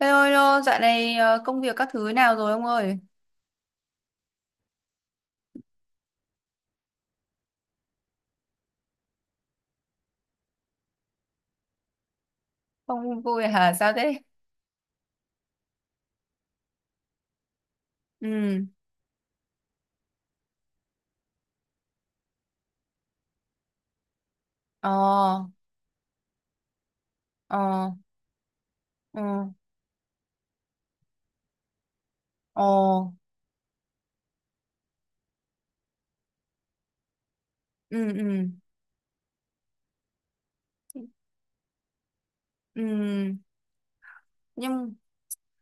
Hello, hello, dạo này công việc các thứ nào rồi ông ơi? Không vui hả? Sao thế? Ừ, ờ, ờ, ờ, ờ, ừ, ừ, ừ, ừ. nhưng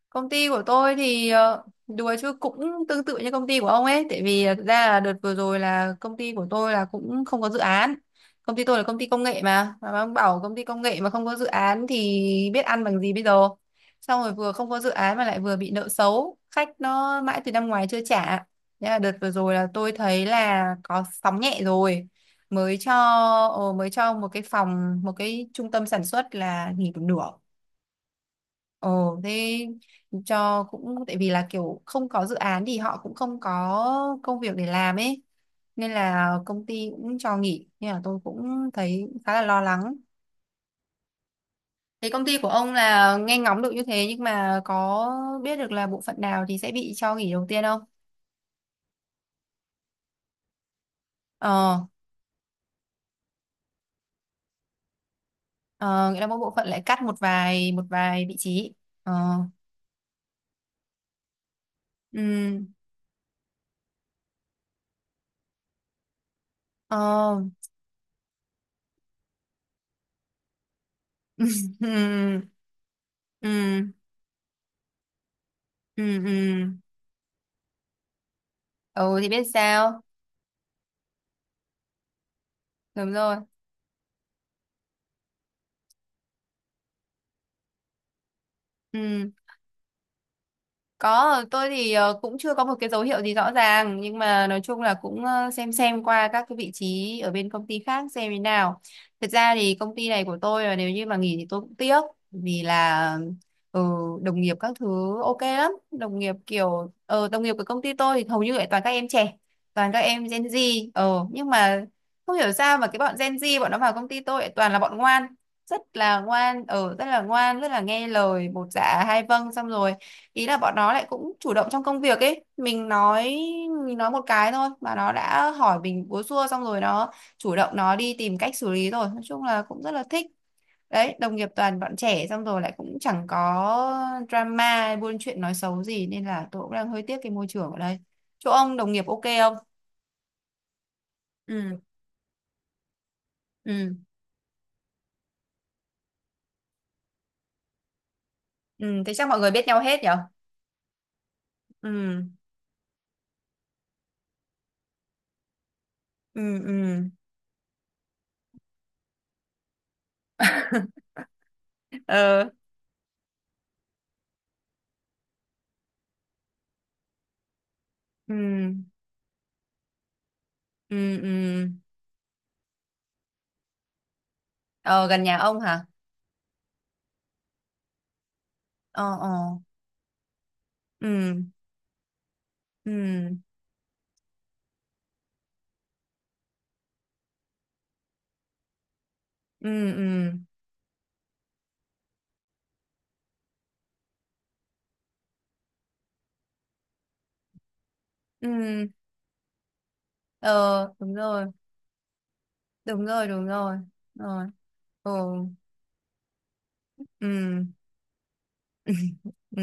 Công ty của tôi thì đùa chứ cũng tương tự như công ty của ông ấy, tại vì thực ra là đợt vừa rồi là công ty của tôi là cũng không có dự án. Công ty tôi là công ty công nghệ, mà ông bảo công ty công nghệ mà không có dự án thì biết ăn bằng gì bây giờ? Xong rồi vừa không có dự án mà lại vừa bị nợ xấu, khách nó mãi từ năm ngoái chưa trả. Thế là đợt vừa rồi là tôi thấy là có sóng nhẹ rồi, mới cho mới cho một cái phòng, một cái trung tâm sản xuất là nghỉ một nửa. Ồ thế, cho cũng tại vì là kiểu không có dự án thì họ cũng không có công việc để làm ấy, nên là công ty cũng cho nghỉ, nên là tôi cũng thấy khá là lo lắng. Thế công ty của ông là nghe ngóng được như thế, nhưng mà có biết được là bộ phận nào thì sẽ bị cho nghỉ đầu tiên không? Ờ, ờ nghĩa là mỗi bộ phận lại cắt một vài vị trí. Ờ, ừ, ờ, ừ, ừ, ừ, ừ. Ừ thì biết sao? Đúng rồi. Ừ. Có, tôi thì cũng chưa có một cái dấu hiệu gì rõ ràng, nhưng mà nói chung là cũng xem qua các cái vị trí ở bên công ty khác xem thế nào. Thật ra thì công ty này của tôi là nếu như mà nghỉ thì tôi cũng tiếc, vì là ừ, đồng nghiệp các thứ ok lắm. Đồng nghiệp kiểu đồng nghiệp của công ty tôi thì hầu như lại toàn các em trẻ, toàn các em Gen Z. Ờ nhưng mà không hiểu sao mà cái bọn Gen Z bọn nó vào công ty tôi lại toàn là bọn ngoan, rất là ngoan ở rất là ngoan, rất là nghe lời, bột dạ hai vâng. Xong rồi ý là bọn nó lại cũng chủ động trong công việc ấy, mình nói một cái thôi mà nó đã hỏi mình búa xua, xong rồi nó chủ động nó đi tìm cách xử lý, rồi nói chung là cũng rất là thích. Đấy, đồng nghiệp toàn bọn trẻ xong rồi lại cũng chẳng có drama hay buôn chuyện nói xấu gì, nên là tôi cũng đang hơi tiếc cái môi trường ở đây. Chỗ ông đồng nghiệp ok không? Ừ, ừ, ừ thế chắc mọi người biết nhau hết nhở? Ừ, ừ, ừ. Ờ, ừ, ừ, ừ. Ờ gần nhà ông hả? Ờ, ờ. Ừ, ừ, ừ, ừ, ừ. Ờ đúng rồi, đúng rồi. Đúng rồi. Rồi. Ừ, ừ. Ừ.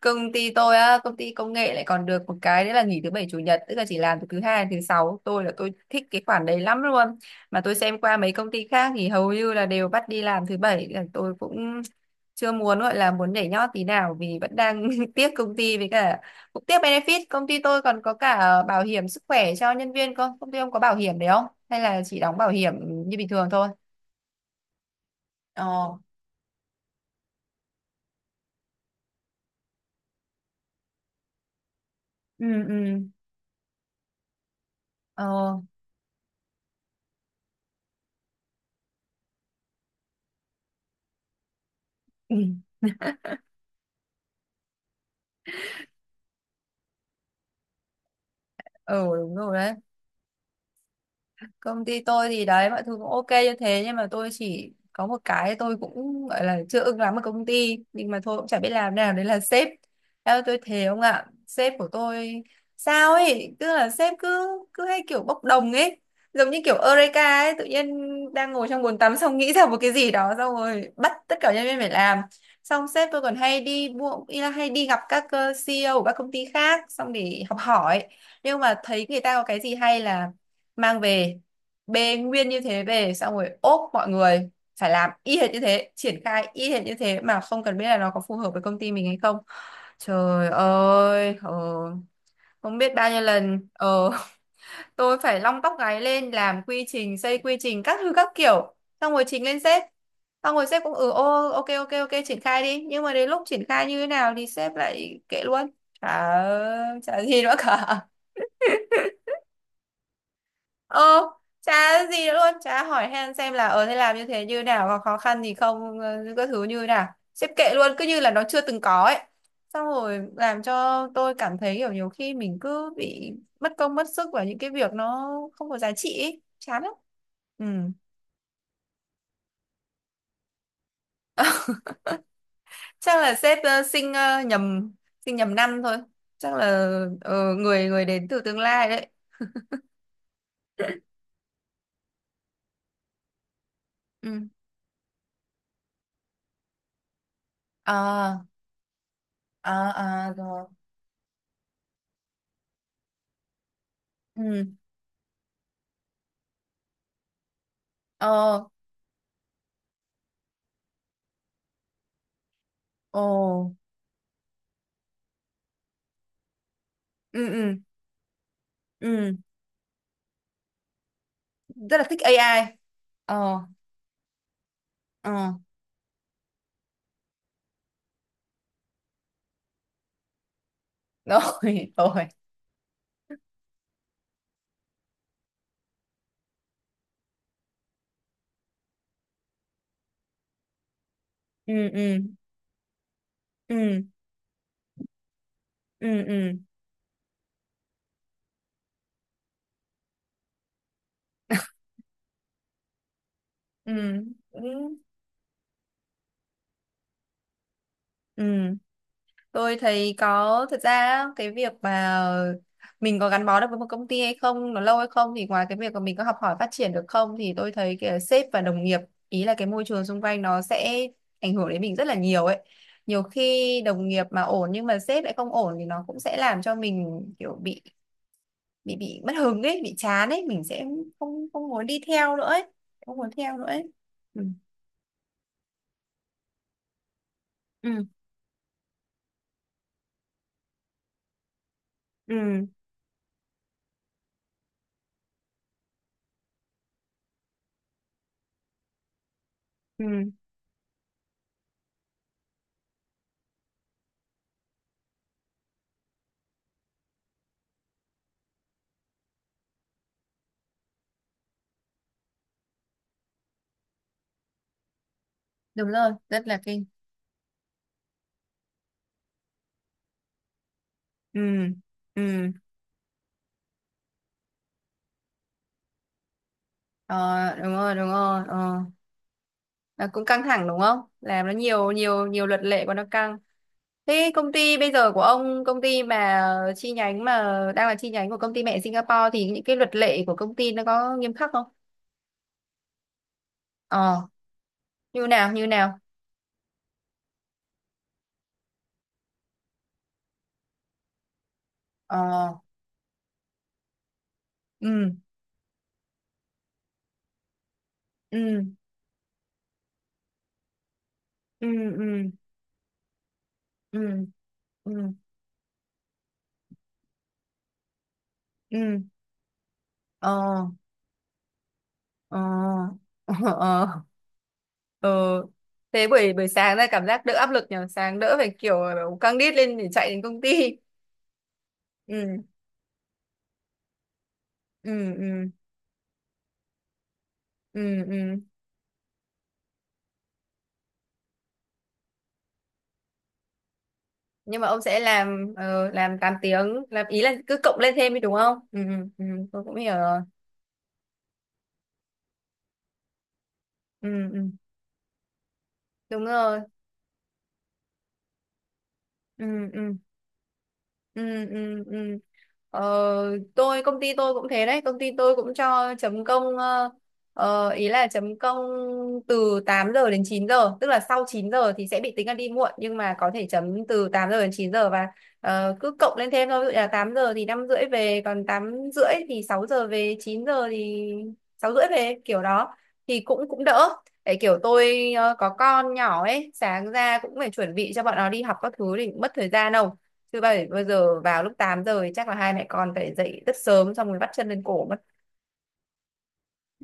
Công ty tôi á, công ty công nghệ lại còn được một cái đấy là nghỉ thứ bảy chủ nhật, tức là chỉ làm từ thứ hai đến thứ sáu. Tôi là tôi thích cái khoản đấy lắm luôn. Mà tôi xem qua mấy công ty khác thì hầu như là đều bắt đi làm thứ bảy, là tôi cũng chưa muốn gọi là muốn nhảy nhót tí nào vì vẫn đang tiếc công ty, với cả cũng tiếc benefit. Công ty tôi còn có cả bảo hiểm sức khỏe cho nhân viên không? Công ty ông có bảo hiểm đấy không? Hay là chỉ đóng bảo hiểm như bình thường thôi? Ờ. Ừ ừ. Ờ. Ừ. Ờ, đúng rồi, công ty tôi thì đấy mọi thứ cũng ok như thế, nhưng mà tôi chỉ có một cái tôi cũng gọi là chưa ưng lắm ở công ty, nhưng mà thôi cũng chả biết làm nào, đấy là sếp. Theo tôi thề ông ạ, sếp của tôi sao ấy, tức là sếp cứ cứ hay kiểu bốc đồng ấy, giống như kiểu Eureka ấy, tự nhiên đang ngồi trong bồn tắm xong nghĩ ra một cái gì đó, xong rồi bắt tất cả nhân viên phải làm. Xong sếp tôi còn hay đi mua, ý là hay đi gặp các CEO của các công ty khác xong để học hỏi, nhưng mà thấy người ta có cái gì hay là mang về, bê nguyên như thế về xong rồi ốp mọi người phải làm y hệt như thế, triển khai y hệt như thế mà không cần biết là nó có phù hợp với công ty mình hay không. Trời ơi, không biết bao nhiêu lần tôi phải long tóc gáy lên làm quy trình, xây quy trình các thứ các kiểu, xong rồi trình lên sếp, xong rồi sếp cũng ừ ô ok ok ok triển khai đi, nhưng mà đến lúc triển khai như thế nào thì sếp lại kệ luôn. Chả chả gì nữa cả. Ờ, chả gì nữa luôn, chả hỏi han xem là ờ thế làm như thế như nào, có khó khăn gì không, các thứ như nào. Xếp kệ luôn, cứ như là nó chưa từng có ấy. Xong rồi làm cho tôi cảm thấy kiểu nhiều khi mình cứ bị mất công mất sức vào những cái việc nó không có giá trị ấy. Chán lắm. Ừ. Chắc là sếp sinh nhầm năm thôi. Chắc là người người đến từ tương lai đấy. Ừ. À, à, à rồi. Ừ. Ờ, ồ. Ừ, ừ, ừ. Rất là thích AI. Ờ ờ rồi. Rồi. Ừ ừ ừ ừ ừ ừ ừ ừ. Tôi thấy có thật ra á, cái việc mà mình có gắn bó được với một công ty hay không, nó lâu hay không, thì ngoài cái việc mà mình có học hỏi phát triển được không, thì tôi thấy cái sếp và đồng nghiệp, ý là cái môi trường xung quanh, nó sẽ ảnh hưởng đến mình rất là nhiều ấy. Nhiều khi đồng nghiệp mà ổn nhưng mà sếp lại không ổn thì nó cũng sẽ làm cho mình kiểu bị bị mất hứng ấy, bị chán ấy, mình sẽ không không muốn đi theo nữa ấy, không muốn theo nữa ấy. Ừ ừ ừ ừ. Đúng rồi, rất là kinh. Ừ ừ ờ, đúng rồi ờ. Là cũng căng thẳng đúng không, làm nó nhiều nhiều nhiều luật lệ của nó căng. Thế công ty bây giờ của ông, công ty mà chi nhánh, mà đang là chi nhánh của công ty mẹ Singapore, thì những cái luật lệ của công ty nó có nghiêm khắc không? Ờ như nào như nào? Ờ ừ ừ ừ ừ ừ ừ ừ. Ờ ờ. Ờ ờ. Ờ. Thế buổi buổi sáng ra cảm giác đỡ áp lực nhỉ, sáng đỡ phải kiểu căng đít lên để chạy đến công ty. Ừ ừ ừ ừ ừ. Nhưng mà ông sẽ làm làm 8 tiếng, làm ý là cứ cộng lên thêm đi đúng không? Ừ ừ ừ, tôi cũng hiểu rồi. Ừ ừ đúng rồi. Ừ ừ ừ ừ ừ. Ờ, tôi công ty tôi cũng thế đấy, công ty tôi cũng cho chấm công ý là chấm công từ 8 giờ đến 9 giờ, tức là sau chín giờ thì sẽ bị tính là đi muộn, nhưng mà có thể chấm từ 8 giờ đến 9 giờ và cứ cộng lên thêm thôi, ví dụ là 8 giờ thì 5 rưỡi về, còn 8 rưỡi thì 6 giờ về, 9 giờ thì 6 rưỡi về, kiểu đó thì cũng cũng đỡ. Để kiểu tôi có con nhỏ ấy, sáng ra cũng phải chuẩn bị cho bọn nó đi học các thứ thì cũng mất thời gian đâu, chứ bảy bây giờ vào lúc 8 giờ thì chắc là hai mẹ con phải dậy rất sớm xong rồi bắt chân lên cổ mất.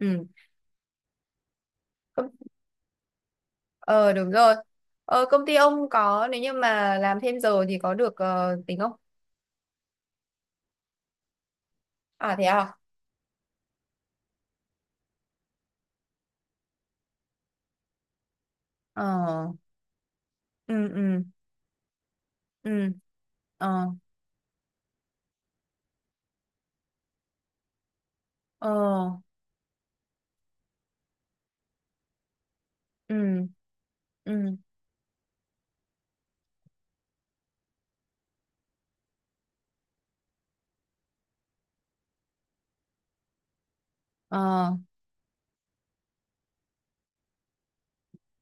Ừ. Công- ờ đúng rồi. Ờ công ty ông có, nếu như mà làm thêm giờ thì có được tính không? À thế à? Ờ. Ừ ừ ừ. Ờ. Ờ. Ừ ừ. Ờ.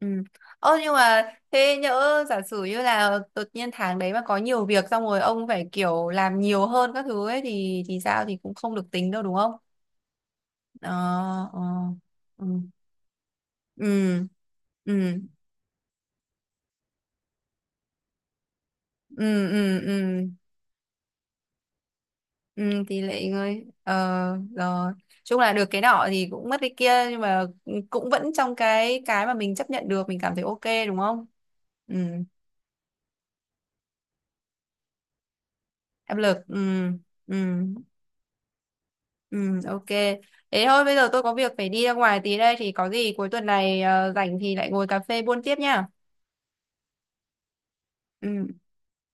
Ừ. Ờ nhưng mà thế nhỡ giả sử như là đột nhiên tháng đấy mà có nhiều việc xong rồi ông phải kiểu làm nhiều hơn các thứ ấy thì sao, thì cũng không được tính đâu đúng không? Ờ ờ ừ. Ừ ừ ừ ừ ừ. Ừ thì lại ơi ờ rồi chung là được cái nọ thì cũng mất cái kia, nhưng mà cũng vẫn trong cái mà mình chấp nhận được, mình cảm thấy ok đúng không? Ừ áp lực ừ ừ ừ ok. Thế thôi bây giờ tôi có việc phải đi ra ngoài tí đây, thì có gì cuối tuần này rảnh thì lại ngồi cà phê buôn tiếp nha. Ừ.